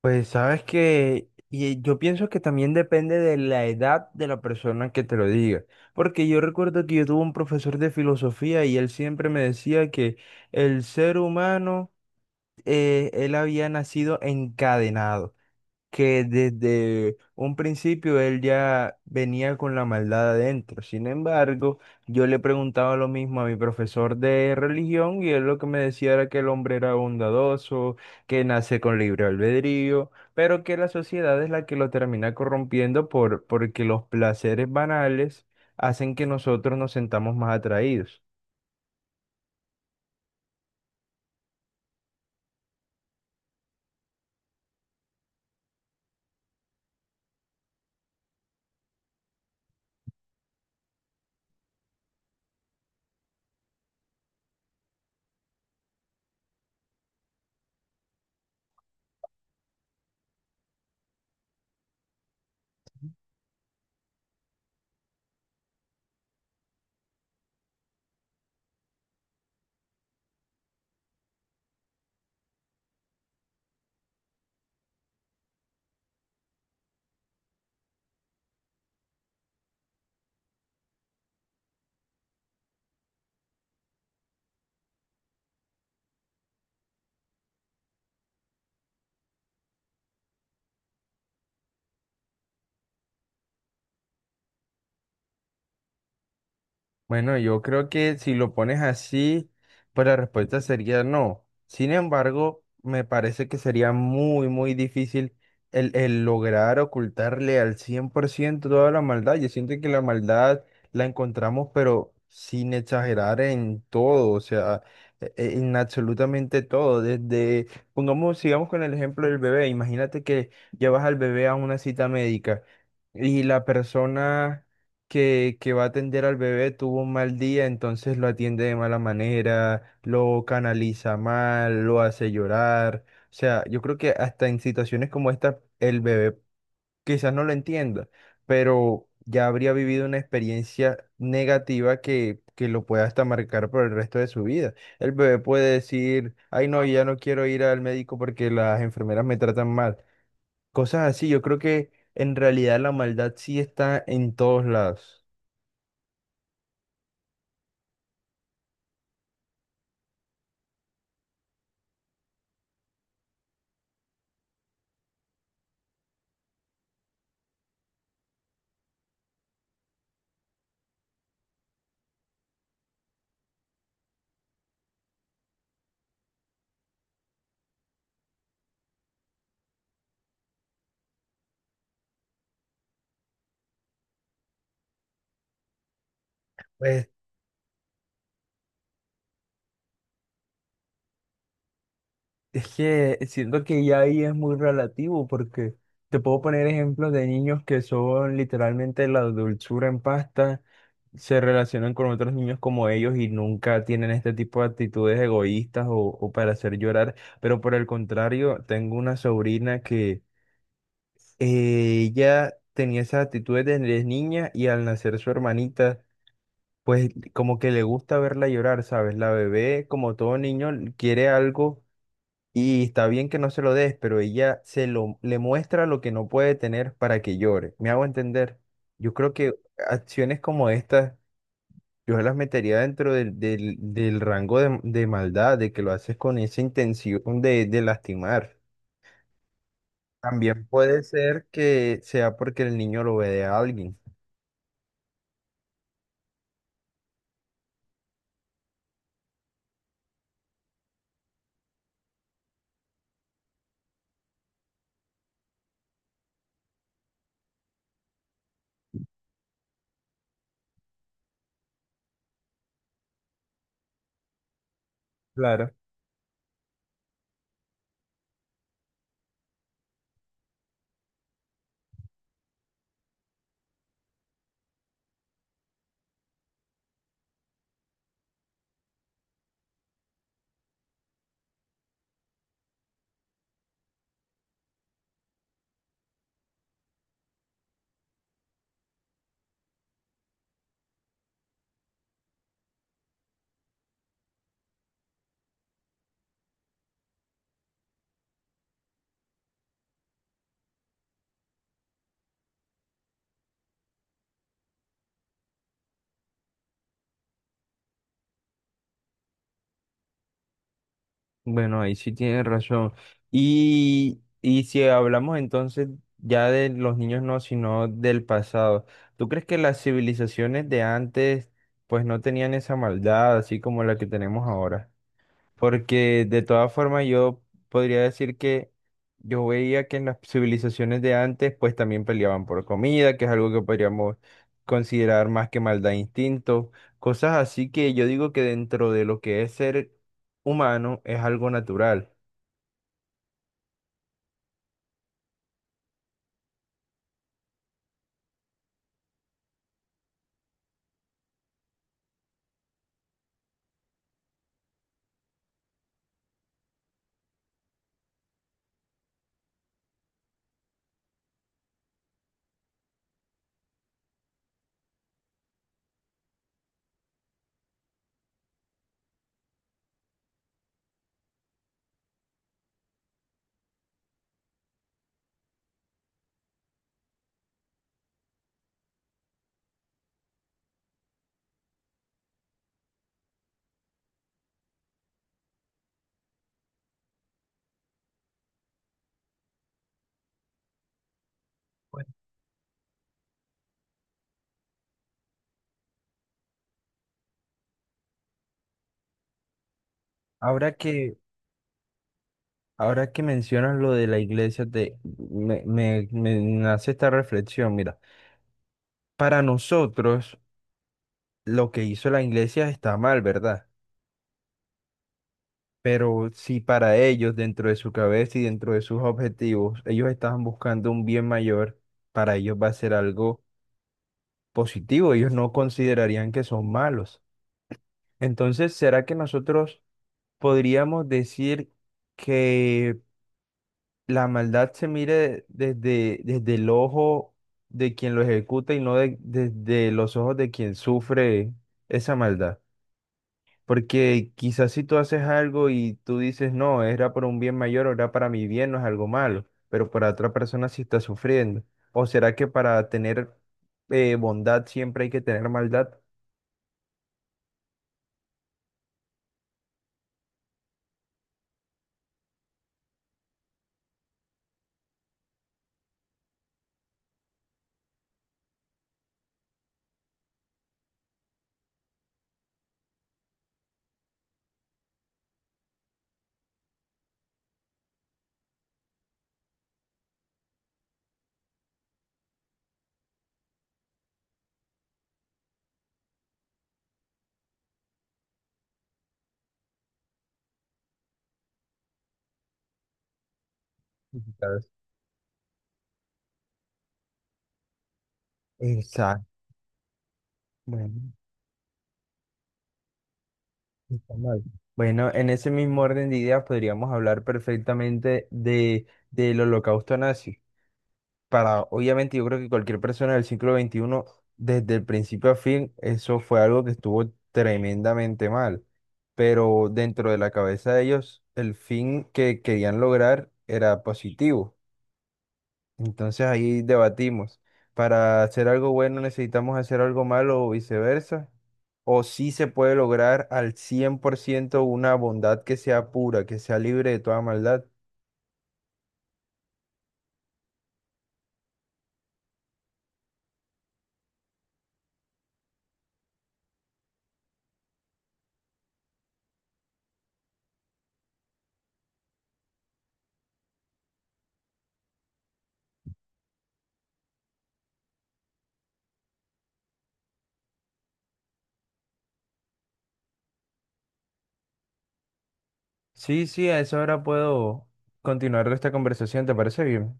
Pues sabes que y yo pienso que también depende de la edad de la persona que te lo diga, porque yo recuerdo que yo tuve un profesor de filosofía y él siempre me decía que el ser humano, él había nacido encadenado, que desde un principio él ya venía con la maldad adentro. Sin embargo, yo le preguntaba lo mismo a mi profesor de religión y él lo que me decía era que el hombre era bondadoso, que nace con libre albedrío, pero que la sociedad es la que lo termina corrompiendo porque los placeres banales hacen que nosotros nos sentamos más atraídos. Bueno, yo creo que si lo pones así, pues la respuesta sería no. Sin embargo, me parece que sería muy, muy difícil el lograr ocultarle al 100% toda la maldad. Yo siento que la maldad la encontramos, pero sin exagerar en todo, o sea, en absolutamente todo. Desde, pongamos, sigamos con el ejemplo del bebé. Imagínate que llevas al bebé a una cita médica y la persona que va a atender al bebé tuvo un mal día, entonces lo atiende de mala manera, lo canaliza mal, lo hace llorar. O sea, yo creo que hasta en situaciones como esta, el bebé quizás no lo entienda, pero ya habría vivido una experiencia negativa que lo pueda hasta marcar por el resto de su vida. El bebé puede decir, ay no, ya no quiero ir al médico porque las enfermeras me tratan mal. Cosas así, yo creo que en realidad la maldad sí está en todos lados. pues Es que siento que ya ahí es muy relativo porque te puedo poner ejemplos de niños que son literalmente la dulzura en pasta, se relacionan con otros niños como ellos y nunca tienen este tipo de actitudes egoístas o para hacer llorar. Pero por el contrario, tengo una sobrina que ella tenía esas actitudes desde niña y al nacer su hermanita, pues como que le gusta verla llorar, ¿sabes? La bebé, como todo niño, quiere algo y está bien que no se lo des, pero ella se lo le muestra lo que no puede tener para que llore. ¿Me hago entender? Yo creo que acciones como estas, yo las metería dentro del rango de maldad, de que lo haces con esa intención de lastimar. También puede ser que sea porque el niño lo ve de alguien. Claro. Bueno, ahí sí tienes razón. Y si hablamos entonces ya de los niños no, sino del pasado, ¿tú crees que las civilizaciones de antes pues no tenían esa maldad así como la que tenemos ahora? Porque de todas formas yo podría decir que yo veía que en las civilizaciones de antes pues también peleaban por comida, que es algo que podríamos considerar más que maldad e instinto, cosas así que yo digo que dentro de lo que es ser humano es algo natural. Ahora que, Ahora que mencionas lo de la iglesia, me nace esta reflexión, mira, para nosotros lo que hizo la iglesia está mal, ¿verdad? Pero si para ellos, dentro de su cabeza y dentro de sus objetivos, ellos estaban buscando un bien mayor, para ellos va a ser algo positivo, ellos no considerarían que son malos. Entonces, ¿será que nosotros podríamos decir que la maldad se mire desde, desde el ojo de quien lo ejecuta y no de- desde los ojos de quien sufre esa maldad? Porque quizás si tú haces algo y tú dices, no, era por un bien mayor o era para mi bien, no es algo malo, pero para otra persona sí está sufriendo. ¿O será que para tener bondad siempre hay que tener maldad? Quizás. Exacto. Bueno, está mal. Bueno, en ese mismo orden de ideas podríamos hablar perfectamente del holocausto nazi. Para, obviamente, yo creo que cualquier persona del siglo XXI desde el principio a fin, eso fue algo que estuvo tremendamente mal. Pero dentro de la cabeza de ellos, el fin que querían lograr era positivo. Entonces ahí debatimos, ¿para hacer algo bueno necesitamos hacer algo malo o viceversa? ¿O si se puede lograr al 100% una bondad que sea pura, que sea libre de toda maldad? Sí, a esa hora puedo continuar esta conversación, ¿te parece bien?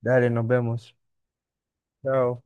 Dale, nos vemos. Chao.